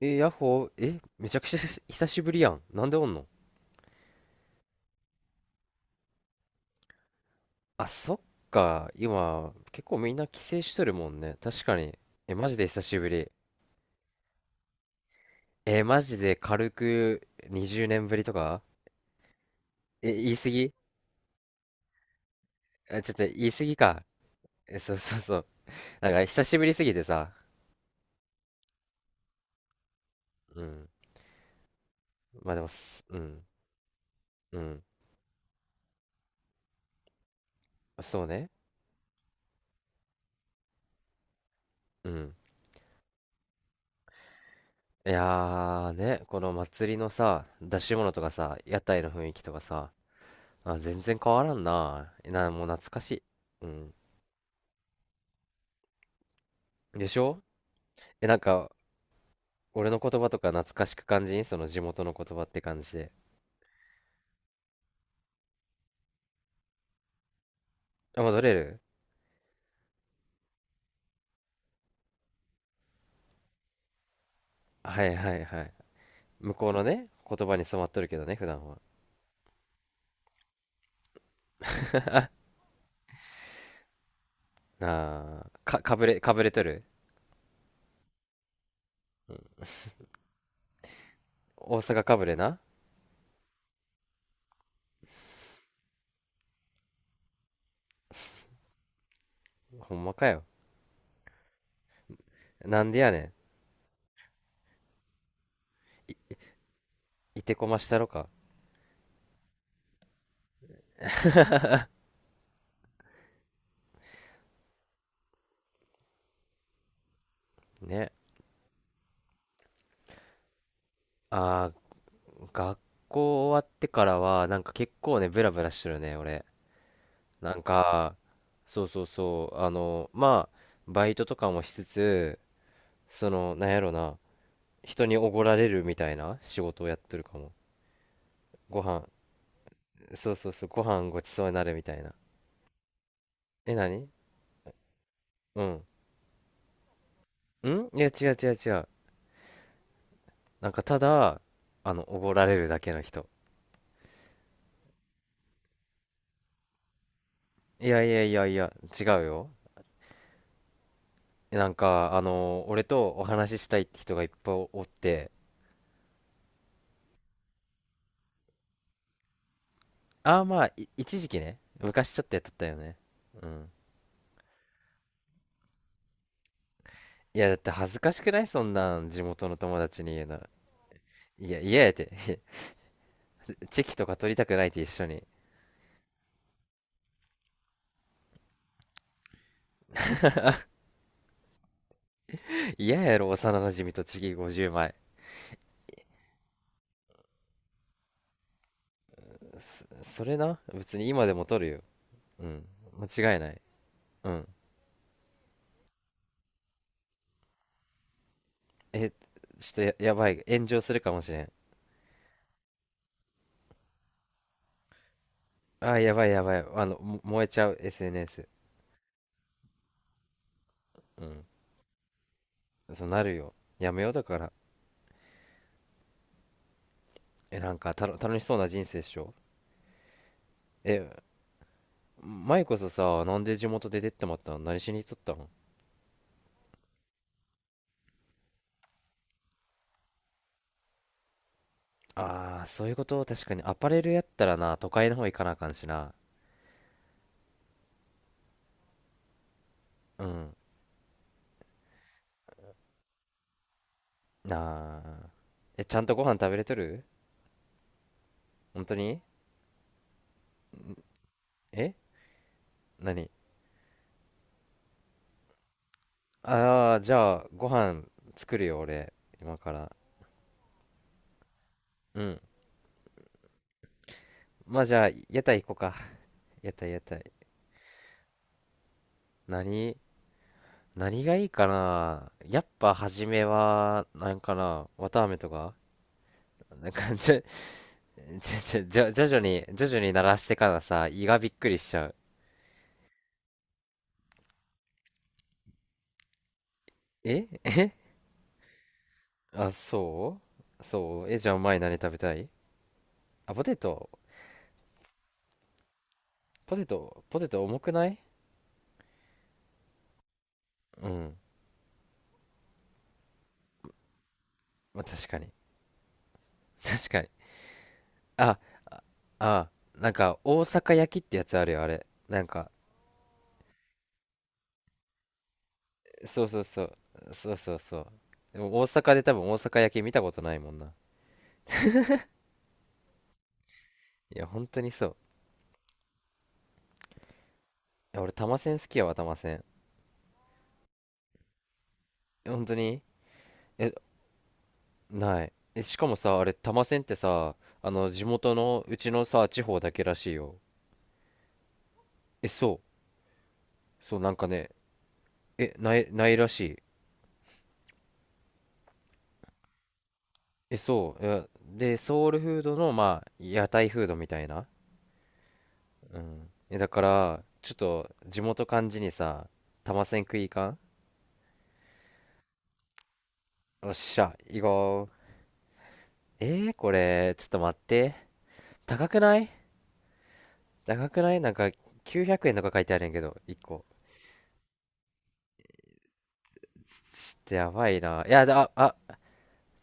ヤッホー、めちゃくちゃ 久しぶりやん。なんでおんの？あ、そっか。今、結構みんな帰省しとるもんね。確かに。え、マジで久しぶり。え、マジで軽く20年ぶりとか。え、言い過ぎ。あ、ちょっと言い過ぎか。え、そうそうそう。なんか久しぶりすぎてさ。うん。まあでも、うん、うん。そうね。うん。いやーね、この祭りのさ、出し物とかさ、屋台の雰囲気とかさ、あ、全然変わらんな。な、もう懐かしい。うん。でしょ？え、なんか、俺の言葉とか懐かしく感じん？その地元の言葉って感じで。あ、戻れる？はいはいはい。向こうのね、言葉に染まっとるけどね、普段は。あー、か、かぶれ、かぶれとる？大阪かぶれな。ほんまかよ。なんでやねん。いてこましたろか。ね。あー、学校終わってからは、なんか結構ね、ブラブラしてるね、俺。なんか、そうそうそう、あの、まあ、バイトとかもしつつ、その、なんやろな、人におごられるみたいな仕事をやってるかも。ご飯、そうそうそう、ご飯ごちそうになるみたいな。え、何？うん。ん、いや、違う違う違う。なんか、ただ、あの、おごられるだけの人。いやいやいやいや、違うよ。なんか、あの、俺とお話ししたいって人がいっぱいおって、ああ、まあ、い一時期ね、昔ちょっとやっとったよね。うん。いや、だって恥ずかしくない？そんなん、地元の友達に言うの。いや、嫌やて。チェキとか取りたくないって一緒に。嫌やろ、幼馴染とチキ50枚。そ、それな、別に今でも取るよ。うん。間違いない。うん。え、ちょっとや、やばい。炎上するかもしれん。あ、やばいやばい。あの、も燃えちゃう、SNS。うん。そうなるよ。やめようだから。え、なんか、たの、楽しそうな人生っしょ。え、前こそさ、なんで地元で出てってまったの？何しに行っとったの？ああー、そういうこと、確かに。アパレルやったらな、都会の方行かなあかんしな。うん。なあ。え、ちゃんとご飯食べれとる？本当に？え、何？ああー、じゃあ、ご飯作るよ、俺。今から。うん。まあ、じゃあ、屋台行こうか。屋台、屋台。何？何がいいかなやっぱ、初めは、なんかな、綿あめとか。なんか、ちょ、ちょ、ちょ、じゃ徐々に、徐々に鳴らしてからさ、胃がびっくりしちゃう。え、あ、そうそう。え、じゃあ、お前何食べたい？あ、ポテト。ポテト、ポテト重くない？うん。まあ、確かに。確かに。あ、ああ、なんか、大阪焼きってやつあるよ、あれ。なんか、そうそうそう。そうそうそう。でも大阪で多分大阪焼き見たことないもんな。いや、本当にそう。いや、俺、玉せん好きやわ、玉せん。え本当に？え、ない。え、しかもさ、あれ、玉せんってさ、あの、地元の、うちのさ、地方だけらしいよ。え、そう。そう、なんかね、え、ない、ないらしい。え、そう。いやで、ソウルフードの、まあ、屋台フードみたいな。うん。え、だからちょっと地元感じにさ玉せん食いかん？よっしゃ行こう。えー、これちょっと待って。高くない？高くないなんか900円とか書いてあるんやけど1個。ちょっとやばいないやああ、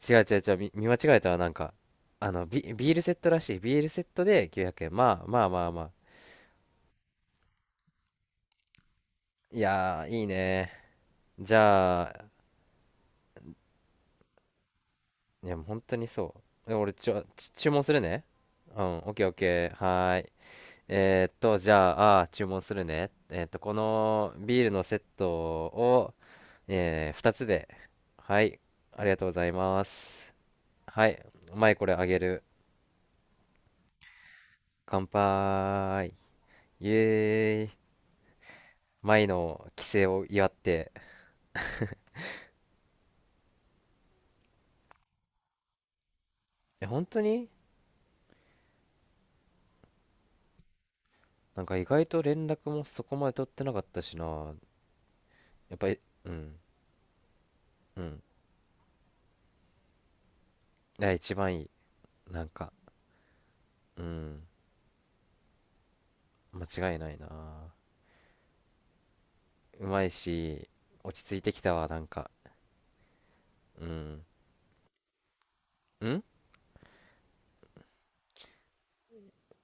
違う違う違う、見、見間違えたわなんか、あの、ビ、ビールセットらしい、ビールセットで900円、まあまあまあまあ、いやーいいね、じゃあ、いやもう本当にそうで俺ちょち注文するね。うんオッケーオッケーはーい。えーっと、じゃあ、あー注文するね。えーっと、このビールのセットを、2つで。はい。ありがとうございます。はい。前これあげる。乾杯。イエーイ。前の帰省を祝って。え、本当に？なんか意外と連絡もそこまで取ってなかったしな。やっぱり、うん。うん。いや、一番いい。なんか、うん。間違いないな。うまいし、落ち着いてきたわ、なんか。うん。ん、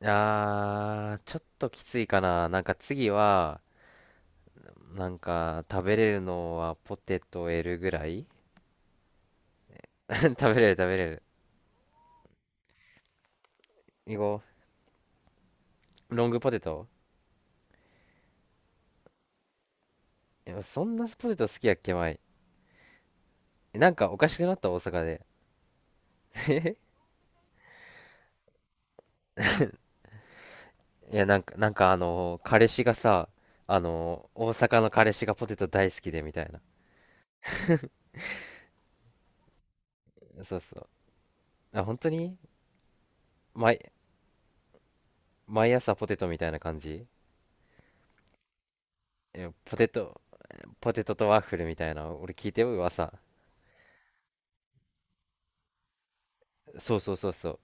あー、ちょっときついかな。なんか次は、なんか食べれるのはポテト L ぐらい。 食べれる食べれる。いこう。ロングポテト。いやそんなポテト好きやっけ、前。なんかおかしくなった、大阪で。いや、なんか、なんかあのー彼氏がさ、あのー大阪の彼氏がポテト大好きでみたいな。そうそう。あ、本当に？毎、毎朝ポテトみたいな感じ？いやポテト、ポテトとワッフルみたいな。俺聞いてよ、噂。そうそうそうそう。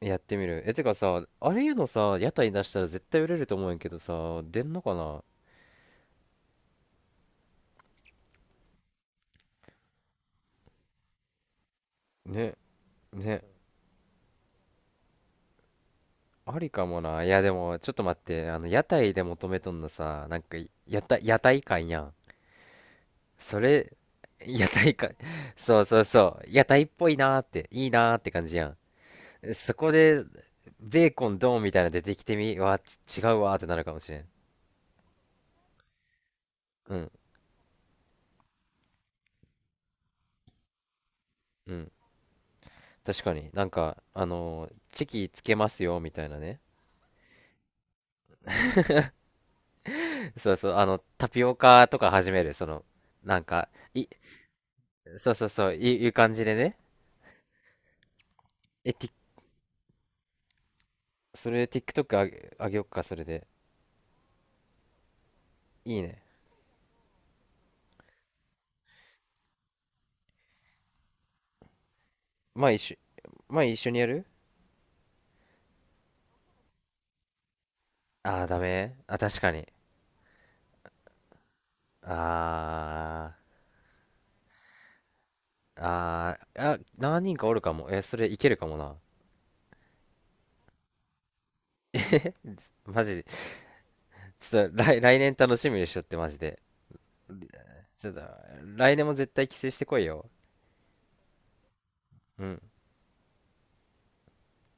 やってみる。え、てかさ、あれいうのさ、屋台出したら絶対売れると思うんやけどさ、出んのかな？ね、ね、ありかもな。いや、でも、ちょっと待って、あの、屋台で求めとんのさ、なんか、屋台、屋台感やん。それ、屋台感、そうそうそう、屋台っぽいなーって、いいなーって感じやん。そこで、ベーコンドンみたいな出てきてみ、わ、ち違うわーってなるかもしれん。うん、うん。確かに、なんか、あのーチキつけますよ、みたいなね。そうそう、あの、タピオカとか始める、その、なんか、い、そうそうそう、いいう感じでね。え、ティ、それ TikTok あげ、あげよっか、それで。いいね。まあ一緒、まあ一緒にやる？ああー、ダメあ、確かに。あー、あー、あ、何人かおるかも。え、それいけるかもな。マジで。ちょっと来、来年楽しみにしとって、マジで。ちょっと、来年も絶対帰省してこいよ。うん。